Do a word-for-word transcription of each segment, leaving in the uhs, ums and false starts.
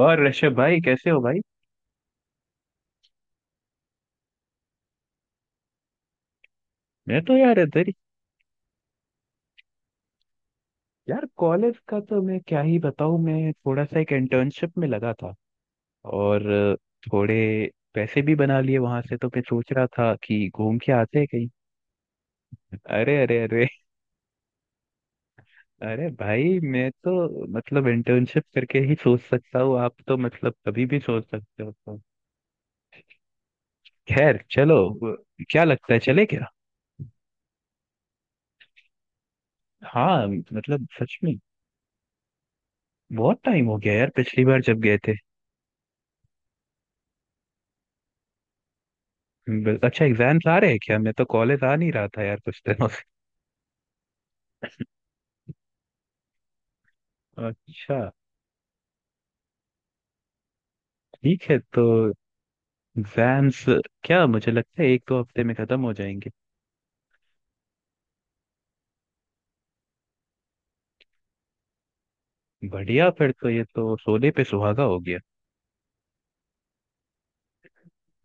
और ऋषभ भाई कैसे हो भाई। मैं तो यार इधर ही। यार कॉलेज का तो मैं क्या ही बताऊं, मैं थोड़ा सा एक इंटर्नशिप में लगा था और अ, थोड़े पैसे भी बना लिए वहां से, तो मैं सोच रहा था कि घूम के आते हैं कहीं। अरे अरे अरे। अरे भाई मैं तो मतलब इंटर्नशिप करके ही सोच सकता हूँ, आप तो मतलब कभी भी सोच सकते हो तो। खैर चलो ब- क्या लगता है, चले क्या? हाँ मतलब सच में। बहुत टाइम हो गया यार, पिछली बार जब गए थे। बिल- अच्छा एग्जाम्स आ रहे हैं क्या? मैं तो कॉलेज आ नहीं रहा था यार कुछ दिनों से। अच्छा ठीक है। तो एग्जाम्स क्या, मुझे लगता है एक दो हफ्ते में खत्म हो जाएंगे। बढ़िया, फिर तो ये तो सोने पे सुहागा हो गया।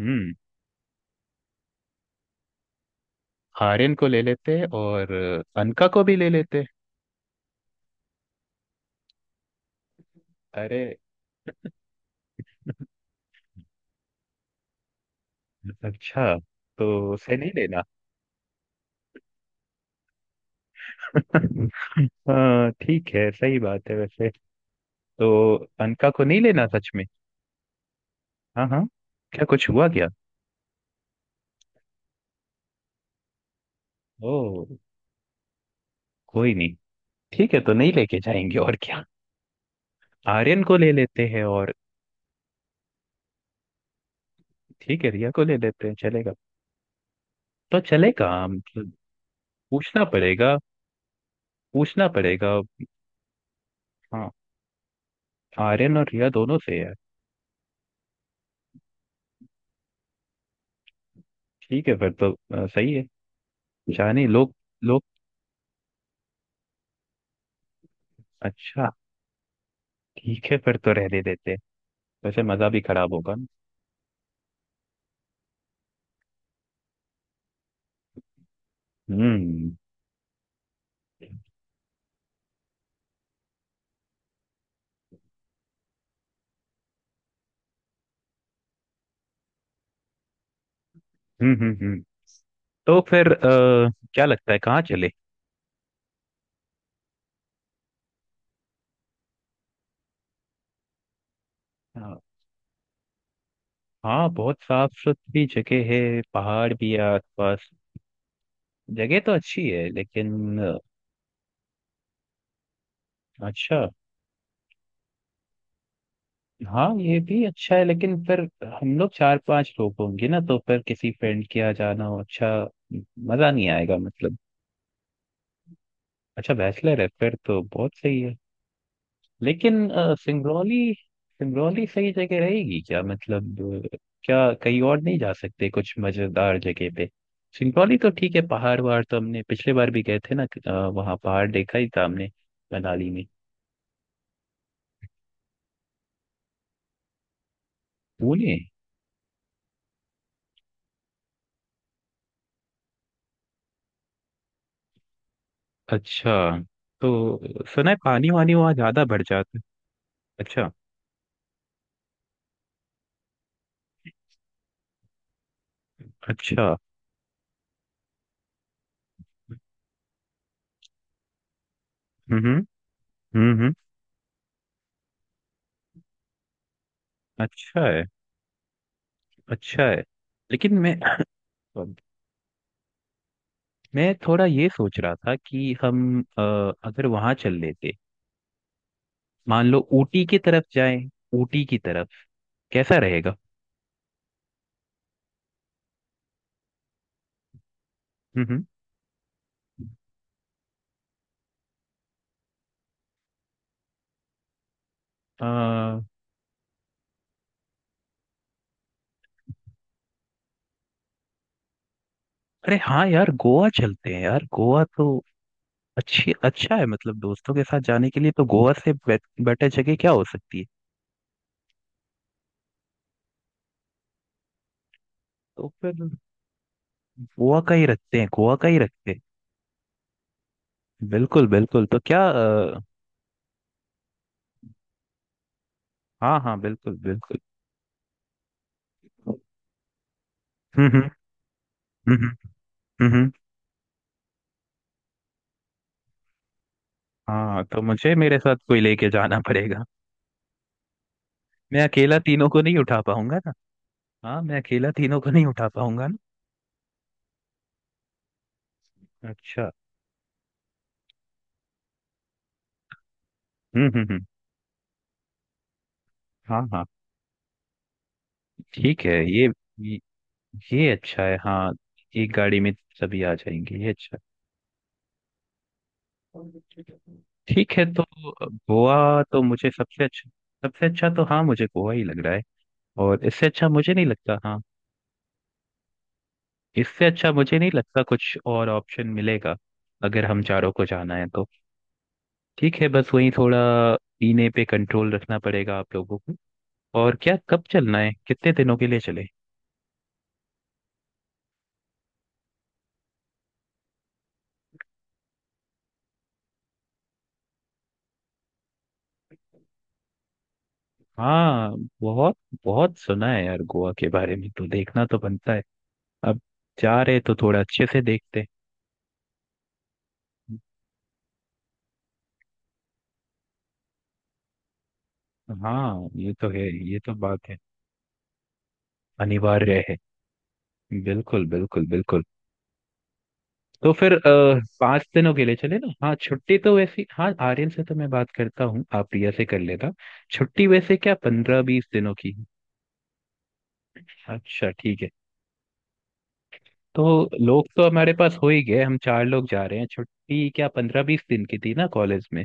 हम्म। आर्यन को ले लेते, और अनका को भी ले लेते। अरे। अच्छा, तो उसे नहीं लेना। हाँ ठीक है, सही बात है वैसे। तो अनका को नहीं लेना सच में। हाँ हाँ। क्या, कुछ हुआ क्या? ओ। कोई नहीं। ठीक है, तो नहीं लेके जाएंगे, और क्या। आर्यन को ले लेते हैं और। ठीक है, रिया को ले लेते हैं, चलेगा। तो चलेगा मतलब। पूछना पड़ेगा। पूछना पड़ेगा। हाँ। आर्यन और रिया दोनों से है। ठीक है फिर तो अ, सही है। जाने लोग। लोग। अच्छा, ठीक है फिर तो रहने देते हैं। वैसे मजा भी खराब होगा ना। हम्म। हम्म। हम्म। हम्म। तो फिर आ, क्या लगता है कहाँ चले? हाँ। हाँ, बहुत साफ सुथरी जगह है, पहाड़ भी है आसपास। जगह तो अच्छी है लेकिन अ, अच्छा। हाँ ये भी अच्छा है, लेकिन फिर हम लोग चार पांच लोग होंगे ना, तो फिर किसी फ्रेंड के यहाँ जाना हो, अच्छा मजा नहीं आएगा मतलब। अच्छा बैचलर है, फिर तो बहुत सही है। लेकिन अ, सिंगरौली, सिंगरौली सही जगह रहेगी क्या मतलब? अ, क्या कहीं और नहीं जा सकते, कुछ मजेदार जगह पे? सिंगरौली तो ठीक है, पहाड़ वहाड़ तो हमने पिछले बार भी गए थे ना, अ, वहाँ पहाड़ देखा ही था हमने मनाली में। पुणे। अच्छा, तो सुना है पानी वानी वहाँ ज्यादा बढ़ जाता है। अच्छा। अच्छा। हम्म। हम्म। हम्म, अच्छा है। अच्छा है। लेकिन मैं मैं थोड़ा ये सोच रहा था कि हम अ, अगर वहां चल लेते, मान लो ऊटी की तरफ जाएं। ऊटी की तरफ। कैसा रहेगा? हम्म। हम्म। अ, अरे हाँ यार गोवा चलते हैं यार, गोवा तो अच्छी, अच्छा है मतलब, दोस्तों के साथ जाने के लिए तो गोवा से बे, बेटर जगह क्या हो सकती है। तो फिर गोवा का ही रखते हैं, गोवा का ही रखते हैं। बिल्कुल बिल्कुल, तो क्या अ, हाँ हाँ बिल्कुल बिल्कुल। हम्म। हम्म। हम्म। हम्म, हम्म। हाँ, तो मुझे मेरे साथ कोई लेके जाना पड़ेगा। मैं अकेला तीनों को नहीं उठा पाऊंगा ना। हाँ, मैं अकेला तीनों को नहीं उठा पाऊंगा ना। अच्छा। हम्म। हम्म। हम्म। हाँ हाँ। ठीक है ये ये, ये अच्छा है हाँ। एक गाड़ी में सभी आ जाएंगे, ये अच्छा है। ठीक है तो गोवा तो मुझे सबसे अच्छा, सबसे अच्छा तो हाँ, मुझे गोवा ही लग रहा है। और इससे अच्छा मुझे नहीं लगता हाँ। इससे अच्छा मुझे नहीं लगता, कुछ और ऑप्शन मिलेगा अगर हम चारों को जाना है तो। ठीक है, बस वही थोड़ा पीने पे कंट्रोल रखना पड़ेगा आप लोगों को। और क्या, कब चलना है, कितने दिनों के लिए चले? हाँ। बहुत, बहुत सुना है यार गोवा के बारे में, तो देखना तो बनता है। अब जा रहे तो थोड़ा अच्छे से देखते हैं। हाँ ये तो है। ये तो बात है। अनिवार्य है। बिल्कुल बिल्कुल बिल्कुल। तो फिर आ, पाँच दिनों के लिए चले ना? हाँ छुट्टी तो वैसी, हाँ आर्यन से तो मैं बात करता हूँ, आप प्रिया से कर लेना। छुट्टी वैसे क्या पंद्रह बीस दिनों की है। अच्छा ठीक है। तो लोग तो हमारे पास हो ही गए, हम चार लोग जा रहे हैं, छुट्टी क्या पंद्रह बीस दिन की थी ना कॉलेज में।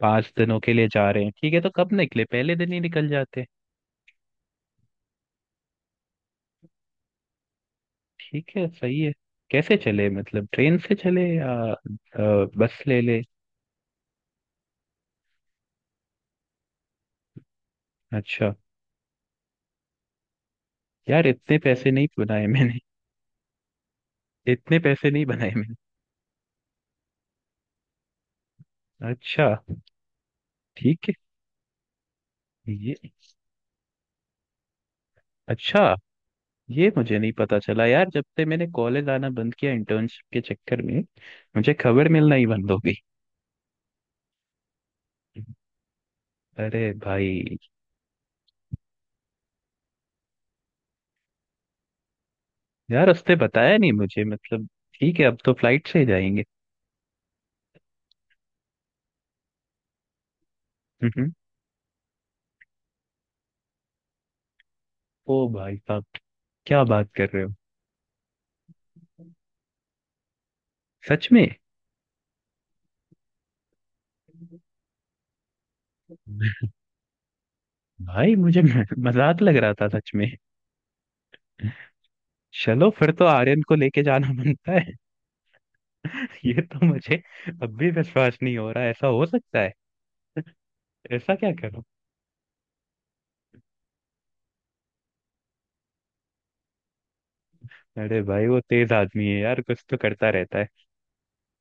पांच दिनों के लिए जा रहे हैं, ठीक है तो कब निकले, पहले दिन ही निकल जाते। ठीक है सही है। कैसे चले मतलब, ट्रेन से चले या अ, बस ले ले? अच्छा। यार इतने पैसे नहीं बनाए मैंने। इतने पैसे नहीं बनाए मैंने। अच्छा ठीक है। ये अच्छा। ये मुझे नहीं पता चला यार, जब से मैंने कॉलेज आना बंद किया इंटर्नशिप के चक्कर में। मुझे खबर मिलना ही बंद हो गई। अरे भाई। यार रास्ते बताया नहीं मुझे, मतलब। ठीक है, अब तो फ्लाइट से ही जाएंगे। हम्म। ओ भाई साहब, क्या बात कर रहे हो सच में? भाई मुझे मजाक लग रहा था सच में। चलो फिर तो आर्यन को लेके जाना बनता है। ये तो मुझे अब भी विश्वास नहीं हो रहा ऐसा हो सकता है। ऐसा क्या करो। अरे भाई वो तेज आदमी है यार, कुछ तो करता रहता है।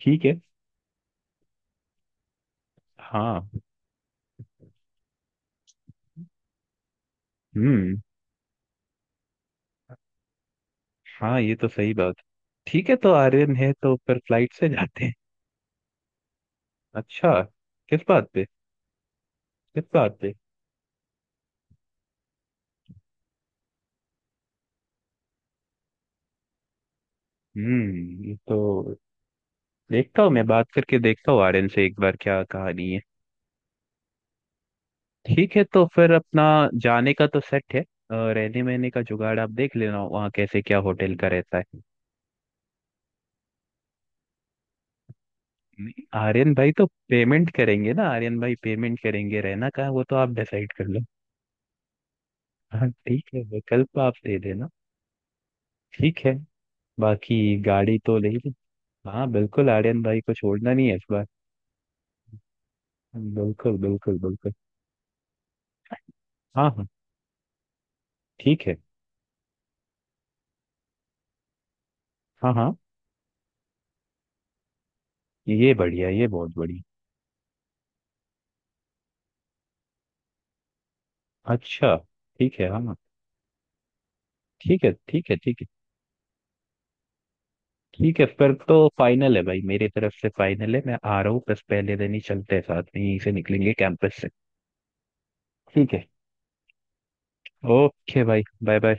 ठीक है। हाँ। हम्म। हाँ ये तो सही बात। ठीक है, तो आर्यन है तो फिर फ्लाइट से जाते हैं। अच्छा। किस बात पे? इस बात पे। हम्म, ये तो। देखता हूँ, मैं बात करके देखता हूँ आर्यन से एक बार, क्या कहानी है। ठीक है तो फिर अपना जाने का तो सेट है अ, रहने वहने का जुगाड़ आप देख लेना, वहाँ कैसे क्या होटल का रहता है। नहीं, आर्यन भाई तो पेमेंट करेंगे ना, आर्यन भाई पेमेंट करेंगे, रहना कहाँ वो तो आप डिसाइड कर लो। हाँ ठीक है, विकल्प आप दे देना। ठीक है। बाकी गाड़ी तो ले ली। हाँ बिल्कुल, आर्यन भाई को छोड़ना नहीं है इस बार। बिल्कुल बिल्कुल बिल्कुल। हाँ हाँ। ठीक है। हाँ हाँ। ये बढ़िया, ये बहुत बढ़िया। अच्छा। ठीक है हाँ। ठीक है ठीक है ठीक है। ठीक है फिर तो फाइनल है भाई, मेरी तरफ से फाइनल है, मैं आ रहा हूँ, बस पहले दिन ही चलते हैं साथ में, यहीं से निकलेंगे कैंपस से। ठीक है। ओके भाई, बाय बाय।